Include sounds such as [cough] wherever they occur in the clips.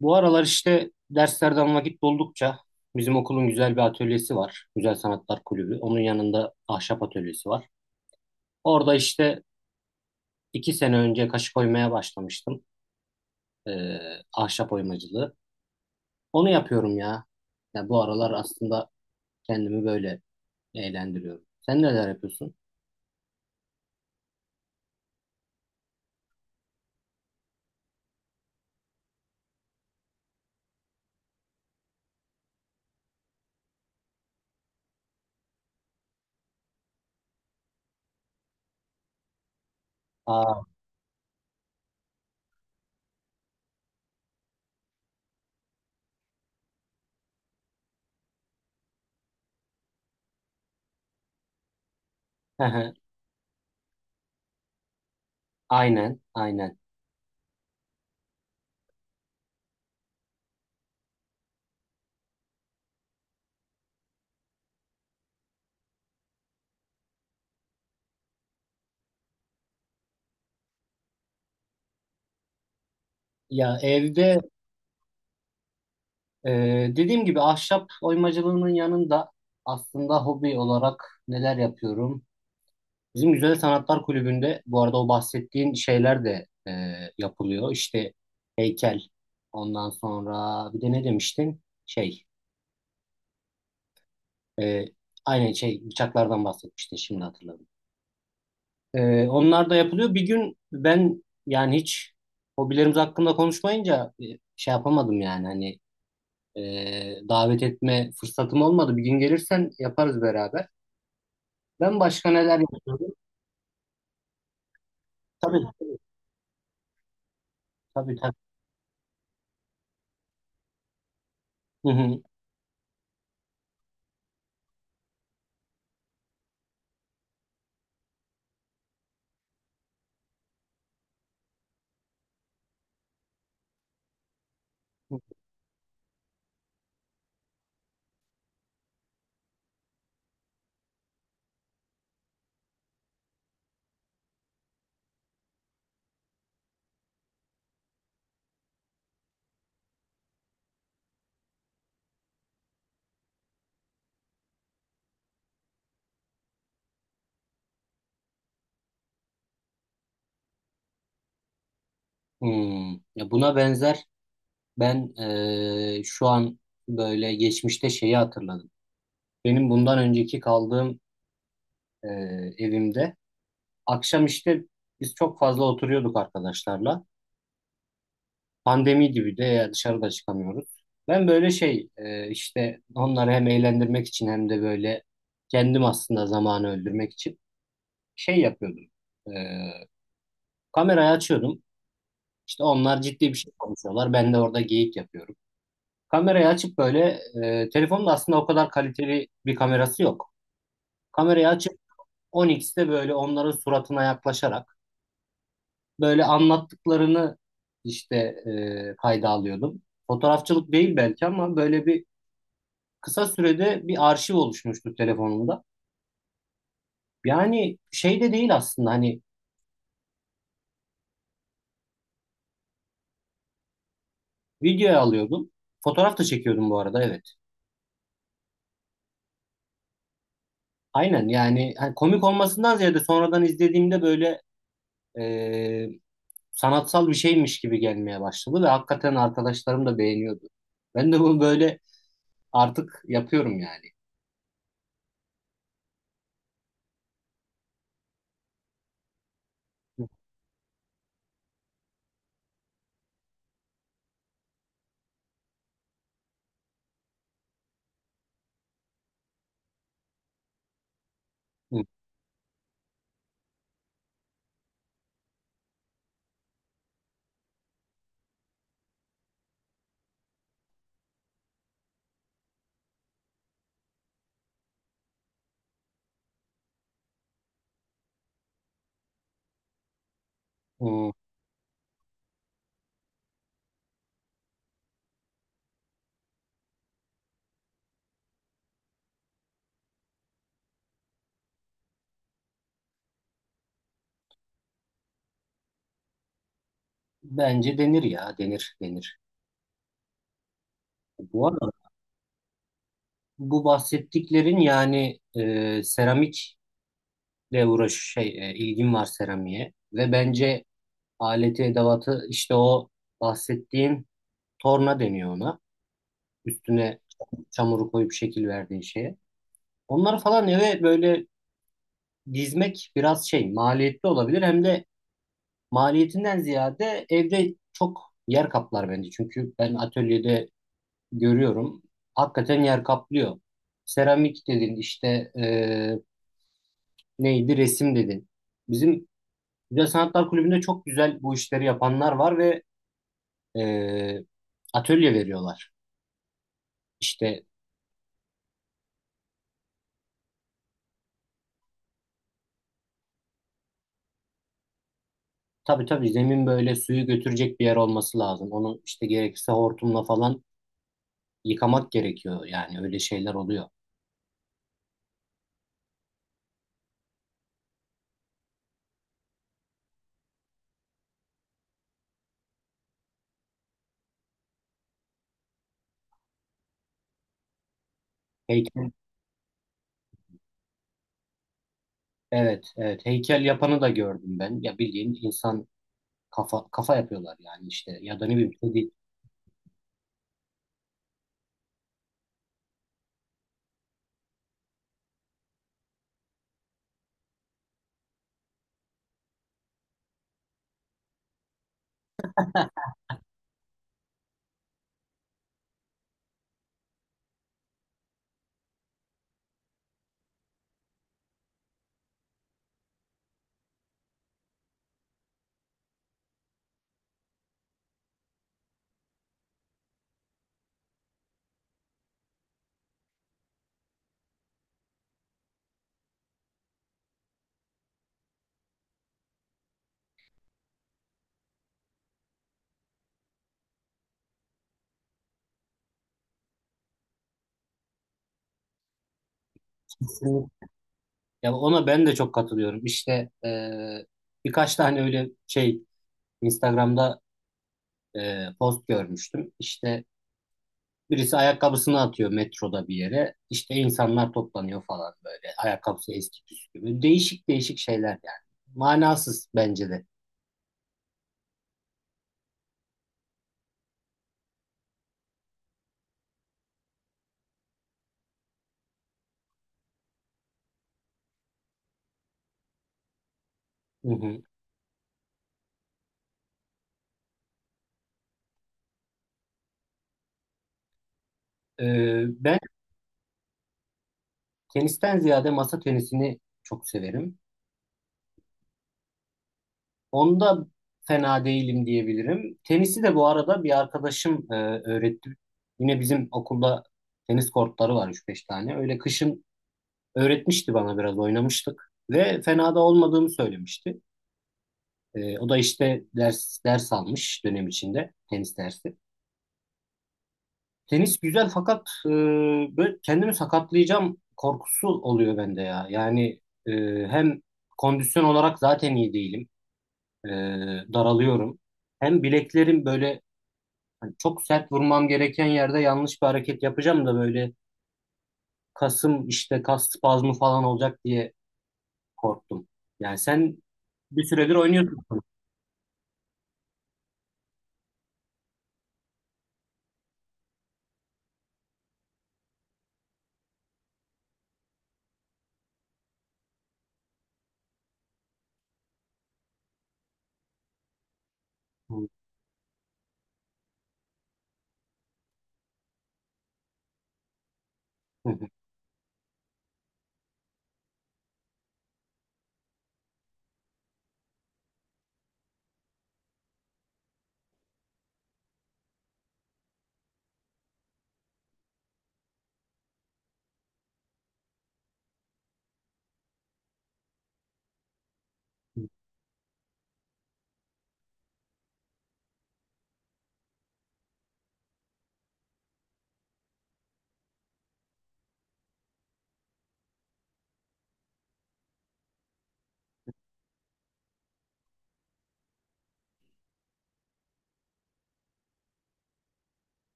Bu aralar işte derslerden vakit buldukça bizim okulun güzel bir atölyesi var. Güzel Sanatlar Kulübü. Onun yanında ahşap atölyesi var. Orada işte 2 sene önce kaşık oymaya başlamıştım. Ee, Ahşap oymacılığı. Onu yapıyorum ya. Ya bu aralar aslında kendimi böyle eğlendiriyorum. Sen neler yapıyorsun? Aa, [laughs] aynen, aynen. Ya evde, e, dediğim gibi ahşap oymacılığının yanında aslında hobi olarak neler yapıyorum? Bizim Güzel Sanatlar Kulübü'nde bu arada o bahsettiğin şeyler de yapılıyor. İşte heykel, ondan sonra bir de ne demiştin? Şey, e, aynen, şey, bıçaklardan bahsetmiştin, şimdi hatırladım. Onlar da yapılıyor. Bir gün ben, yani hiç hobilerimiz hakkında konuşmayınca, şey yapamadım yani, hani davet etme fırsatım olmadı. Bir gün gelirsen yaparız beraber. Ben başka neler yapıyorum? Tabii, tabii, tabii. Tabii. Hı hı. Hmm. Ya buna benzer. Ben şu an böyle geçmişte şeyi hatırladım. Benim bundan önceki kaldığım evimde akşam işte biz çok fazla oturuyorduk arkadaşlarla. Pandemi gibi de, ya dışarıda çıkamıyoruz. Ben böyle, şey, işte onları hem eğlendirmek için hem de böyle kendim aslında zamanı öldürmek için şey yapıyordum. Eee, Kamerayı açıyordum. İşte onlar ciddi bir şey konuşuyorlar. Ben de orada geyik yapıyorum. Kamerayı açıp böyle, telefonun da aslında o kadar kaliteli bir kamerası yok. Kamerayı açıp 10x'te böyle onların suratına yaklaşarak böyle anlattıklarını işte kayda alıyordum. Fotoğrafçılık değil belki ama böyle bir kısa sürede bir arşiv oluşmuştu telefonumda. Yani şey de değil aslında, hani videoya alıyordum. Fotoğraf da çekiyordum bu arada, evet. Aynen, yani hani komik olmasından ziyade sonradan izlediğimde böyle e, sanatsal bir şeymiş gibi gelmeye başladı ve hakikaten arkadaşlarım da beğeniyordu. Ben de bunu böyle artık yapıyorum yani. Hı, hı, hı. Bence denir ya, denir, denir. Bu arada bu bahsettiklerin, yani seramikle uğraş, şey, ilgim var seramiğe ve bence aleti edevatı, işte o bahsettiğin, torna deniyor ona. Üstüne çamuru koyup şekil verdiğin şeye. Onları falan eve böyle dizmek biraz şey, maliyetli olabilir, hem de. Maliyetinden ziyade evde çok yer kaplar bence. Çünkü ben atölyede görüyorum. Hakikaten yer kaplıyor. Seramik dedin işte, neydi, resim dedin. Bizim Güzel Sanatlar Kulübü'nde çok güzel bu işleri yapanlar var ve eee, atölye veriyorlar. İşte tabii tabii, zemin böyle suyu götürecek bir yer olması lazım. Onu işte gerekirse hortumla falan yıkamak gerekiyor. Yani öyle şeyler oluyor. Evet, evet. Heykel yapanı da gördüm ben. Ya bildiğin insan kafa kafa yapıyorlar yani işte. Ya da ne bileyim, kedi. Ya ona ben de çok katılıyorum. İşte birkaç tane öyle şey Instagram'da post görmüştüm. İşte birisi ayakkabısını atıyor metroda bir yere. İşte insanlar toplanıyor falan böyle. Ayakkabısı eski püskü gibi. Değişik değişik şeyler yani. Manasız bence de. Hı hı. Ben tenisten ziyade masa tenisini çok severim. Onda fena değilim diyebilirim. Tenisi de bu arada bir arkadaşım öğretti. Yine bizim okulda tenis kortları var, üç beş tane. Öyle kışın öğretmişti bana, biraz oynamıştık. Ve fena da olmadığımı söylemişti. O da işte ders ders almış dönem içinde tenis dersi. Tenis güzel fakat böyle kendimi sakatlayacağım korkusu oluyor bende ya. Yani e, hem kondisyon olarak zaten iyi değilim. E, Daralıyorum. Hem bileklerim böyle. Hani çok sert vurmam gereken yerde yanlış bir hareket yapacağım da böyle, kasım işte, kas spazmı falan olacak diye korktum. Yani sen bir süredir oynuyorsun. [laughs] Hı, hı, hı.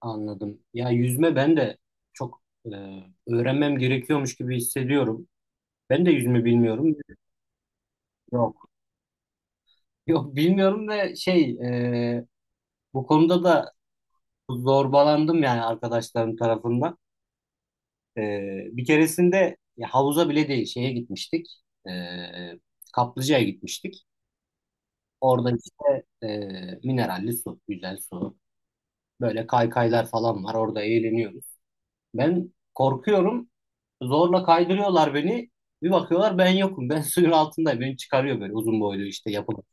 Anladım. Ya yüzme, ben de çok öğrenmem gerekiyormuş gibi hissediyorum. Ben de yüzme bilmiyorum. Yok. [laughs] Yok, bilmiyorum ve şey, e, bu konuda da zorbalandım yani arkadaşlarım tarafından. E, Bir keresinde ya havuza bile değil, şeye gitmiştik. E, Kaplıca'ya gitmiştik. Orada işte, mineralli su, güzel su. Böyle kaykaylar falan var. Orada eğleniyoruz. Ben korkuyorum. Zorla kaydırıyorlar beni. Bir bakıyorlar ben yokum. [laughs] Ben suyun altındayım. Beni çıkarıyor böyle uzun boylu işte yapılıp.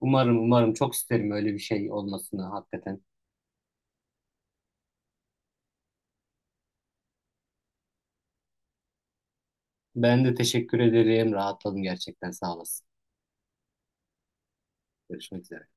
Umarım, umarım çok isterim öyle bir şey olmasını hakikaten. Ben de teşekkür ederim. Rahatladım gerçekten. Sağ olasın. Görüşmek üzere.